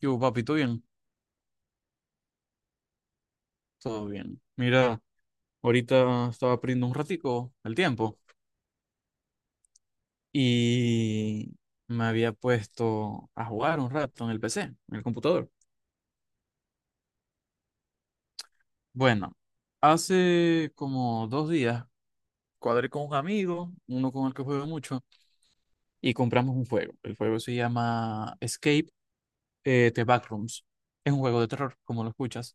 Yo, papi, ¿todo bien? Todo bien. Mira, ahorita estaba perdiendo un ratico el tiempo y me había puesto a jugar un rato en el PC, en el computador. Bueno, hace como dos días cuadré con un amigo, uno con el que juego mucho, y compramos un juego. El juego se llama Escape the Backrooms. Es un juego de terror, como lo escuchas.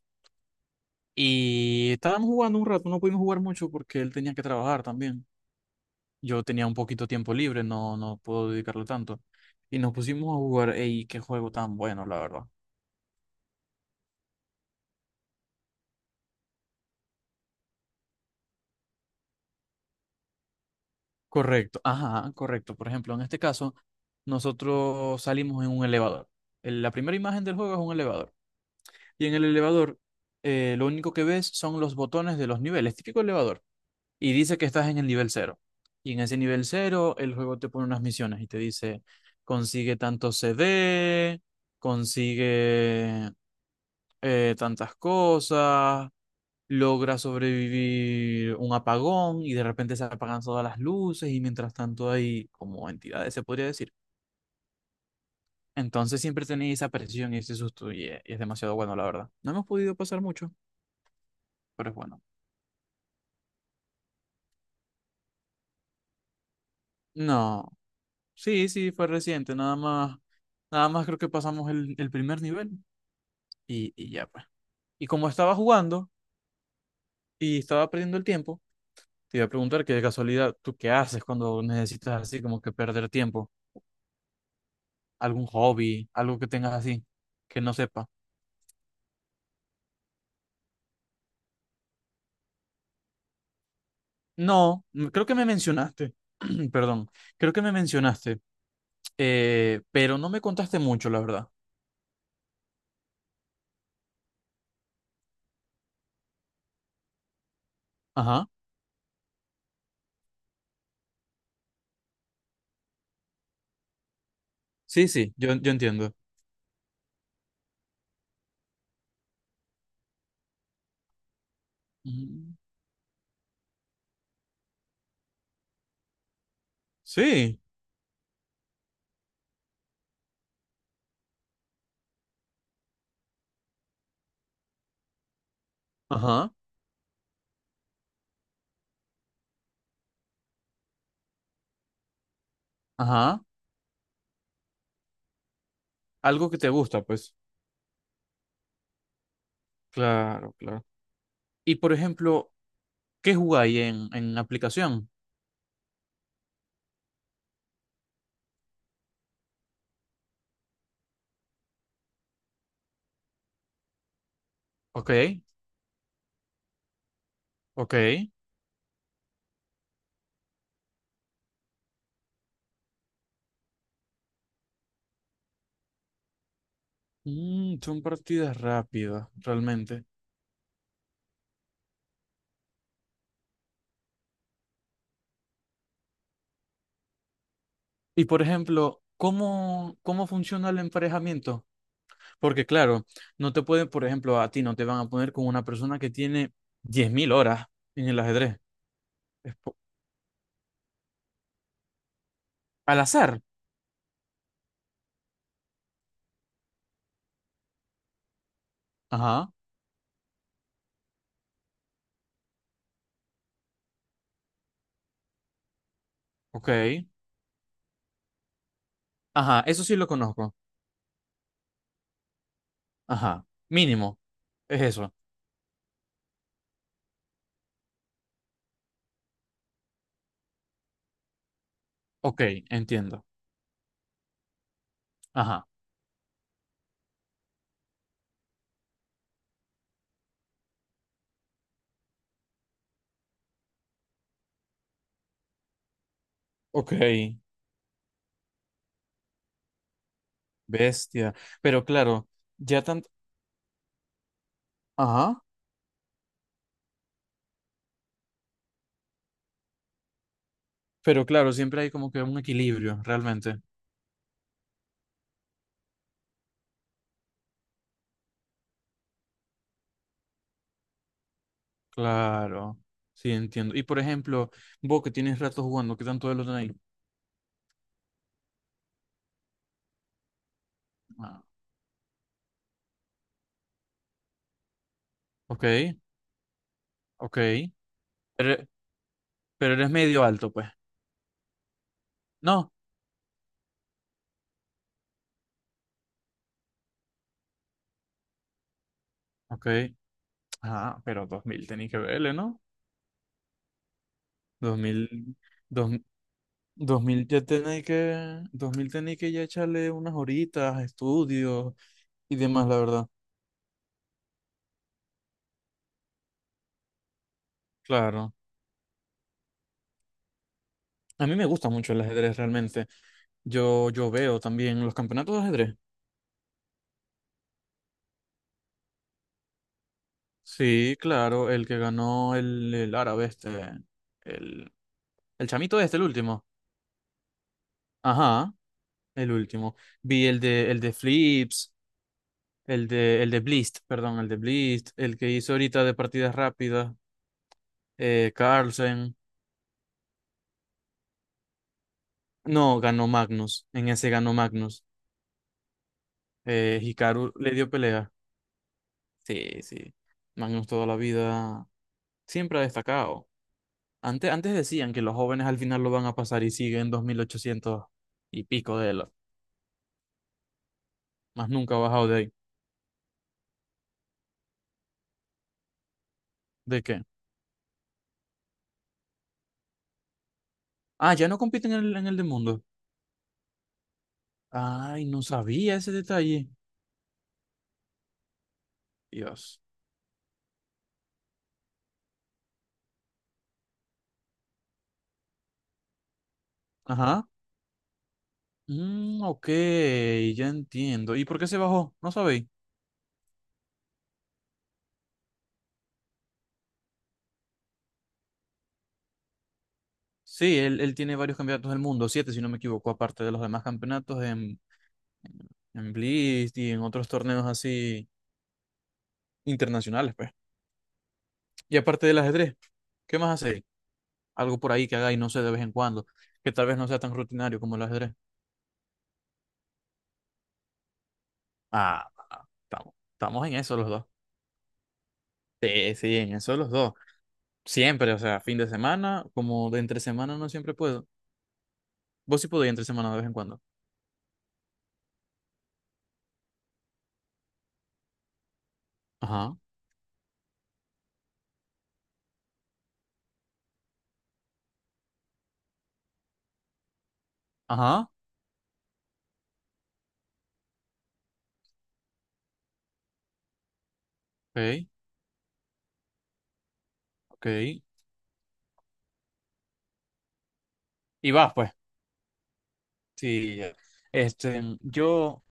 Y estábamos jugando un rato, no pudimos jugar mucho porque él tenía que trabajar también. Yo tenía un poquito tiempo libre, no puedo dedicarle tanto. Y nos pusimos a jugar, ey, qué juego tan bueno, la verdad. Correcto, ajá, correcto. Por ejemplo, en este caso, nosotros salimos en un elevador. La primera imagen del juego es un elevador. Y en el elevador, lo único que ves son los botones de los niveles, típico elevador. Y dice que estás en el nivel cero. Y en ese nivel cero, el juego te pone unas misiones y te dice, consigue tanto CD, consigue tantas cosas, logra sobrevivir un apagón y de repente se apagan todas las luces y mientras tanto hay como entidades, se podría decir. Entonces siempre tenéis esa presión y ese susto y es demasiado bueno, la verdad. No hemos podido pasar mucho, pero es bueno. No. Sí, sí, fue reciente, nada más, nada más creo que pasamos el primer nivel y ya pues. Y como estaba jugando y estaba perdiendo el tiempo, te iba a preguntar que de casualidad, ¿tú qué haces cuando necesitas así como que perder tiempo? ¿Algún hobby, algo que tengas así, que no sepa? No, m- creo que me mencionaste, perdón, creo que me mencionaste, pero no me contaste mucho, la verdad. Ajá, sí, sí, yo entiendo. Ujú. Sí, ajá, ajá, algo que te gusta, pues. Claro, claro. Y por ejemplo, ¿qué jugáis en aplicación? Ok, ok. Mm, son partidas rápidas, realmente. Y por ejemplo, cómo funciona el emparejamiento? Porque claro, no te pueden, por ejemplo, a ti no te van a poner con una persona que tiene 10.000 horas en el ajedrez. Es po- Al azar. Ajá, ok. Ajá, eso sí lo conozco. Ajá, mínimo, es eso. Ok, entiendo. Ajá, ok. Bestia. Pero claro, ya tan... Ajá. Pero claro, siempre hay como que un equilibrio, realmente. Claro. Sí, entiendo. Y por ejemplo, vos que tienes rato jugando, ¿qué tanto de lo tenéis? Ah, ok, ok. Pero, pero eres medio alto, pues. No. Ok. Ah, pero 2000 tenéis que verle, ¿no? Dos mil dos, dos mil ya tenéis que... 2000 tenéis que ya echarle unas horitas, estudios y demás, la verdad. Claro. A mí me gusta mucho el ajedrez realmente. Yo veo también los campeonatos de ajedrez. Sí, claro, el que ganó el árabe este, el, el chamito este, el último. Ajá, el último. Vi el de Flips, el de Blist, perdón, el de Blist, el que hizo ahorita de partidas rápidas, Carlsen. No, ganó Magnus, en ese ganó Magnus. Hikaru le dio pelea. Sí, sí. Magnus toda la vida siempre ha destacado. Antes, antes decían que los jóvenes al final lo van a pasar y siguen 2800 y pico de él. Más nunca ha bajado de ahí. ¿De qué? Ah, ya no compiten en el de mundo. Ay, no sabía ese detalle. Dios. Ajá. Mm, ok, ya entiendo. ¿Y por qué se bajó? No sabéis. Sí, él tiene varios campeonatos del mundo, siete si no me equivoco, aparte de los demás campeonatos en Blitz y en otros torneos así internacionales, pues. Y aparte del ajedrez, ¿qué más hace? Algo por ahí que hagáis, no sé, de vez en cuando, que tal vez no sea tan rutinario como el ajedrez. Ah, ah, estamos, estamos en eso los dos. Sí, sí, en eso los dos. Siempre, o sea, fin de semana, como de entre semana no siempre puedo. Vos sí podés entre semana de vez en cuando. Ajá, ajá, ok, ok. Y vas, pues. Sí, ya. Este, yo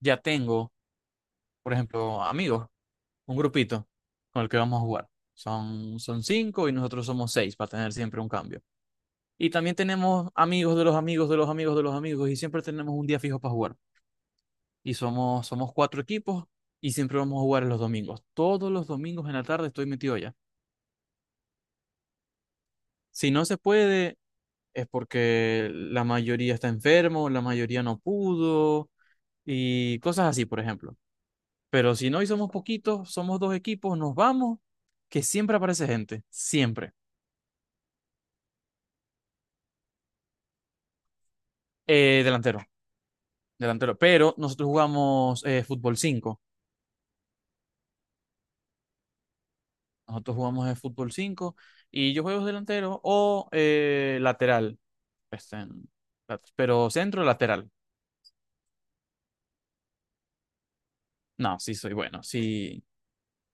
ya tengo, por ejemplo, amigos, un grupito con el que vamos a jugar. Son cinco y nosotros somos seis para tener siempre un cambio. Y también tenemos amigos de los amigos de los amigos de los amigos y siempre tenemos un día fijo para jugar. Y somos, somos cuatro equipos y siempre vamos a jugar en los domingos. Todos los domingos en la tarde estoy metido allá. Si no se puede, es porque la mayoría está enfermo, la mayoría no pudo y cosas así, por ejemplo. Pero si no y somos poquitos, somos dos equipos, nos vamos, que siempre aparece gente, siempre. Delantero, delantero. Pero nosotros jugamos fútbol cinco. Nosotros jugamos de fútbol 5 y yo juego delantero o lateral. Este, en- pero centro lateral. No, sí soy bueno, sí,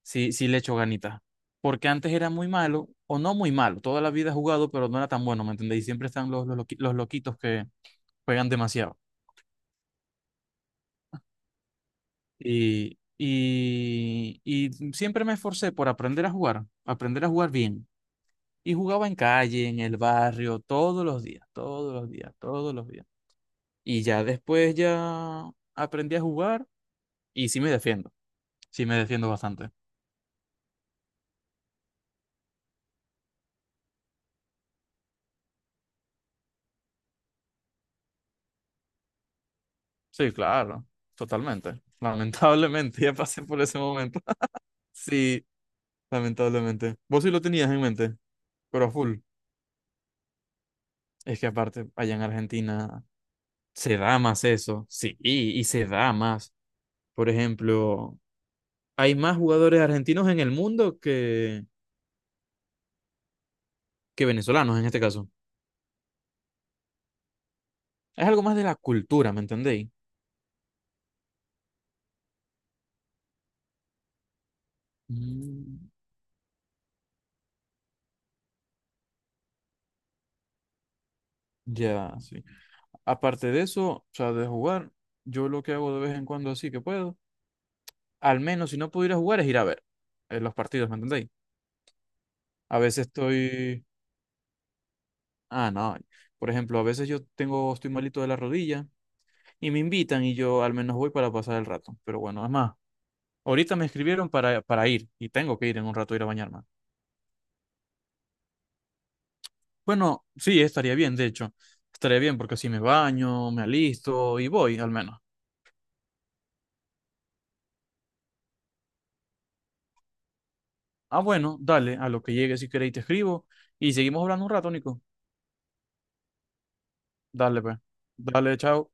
sí, sí le echo ganitas. Porque antes era muy malo, o no muy malo, toda la vida he jugado, pero no era tan bueno, ¿me entendéis? Siempre están los loquitos que juegan demasiado. Y siempre me esforcé por aprender a jugar bien. Y jugaba en calle, en el barrio, todos los días, todos los días, todos los días. Y ya después ya aprendí a jugar y sí me defiendo bastante. Sí, claro, totalmente. Lamentablemente ya pasé por ese momento. Sí, lamentablemente. Vos sí lo tenías en mente, pero a full. Es que aparte, allá en Argentina se da más eso, sí, y se da más. Por ejemplo, hay más jugadores argentinos en el mundo que venezolanos en este caso. Es algo más de la cultura, ¿me entendéis? Mm, ya, sí. Aparte de eso, o sea, de jugar, yo lo que hago de vez en cuando así que puedo, al menos si no pudiera jugar es ir a ver los partidos, ¿me entendéis? A veces estoy, ah, no, por ejemplo, a veces yo tengo, estoy malito de la rodilla y me invitan y yo al menos voy para pasar el rato. Pero bueno, es más, ahorita me escribieron para ir y tengo que ir en un rato a ir a bañarme. Bueno, sí, estaría bien, de hecho, estaría bien porque así me baño, me alisto y voy al menos. Ah, bueno, dale, a lo que llegue si queréis te escribo y seguimos hablando un rato, Nico. Dale, pues. Dale, chao.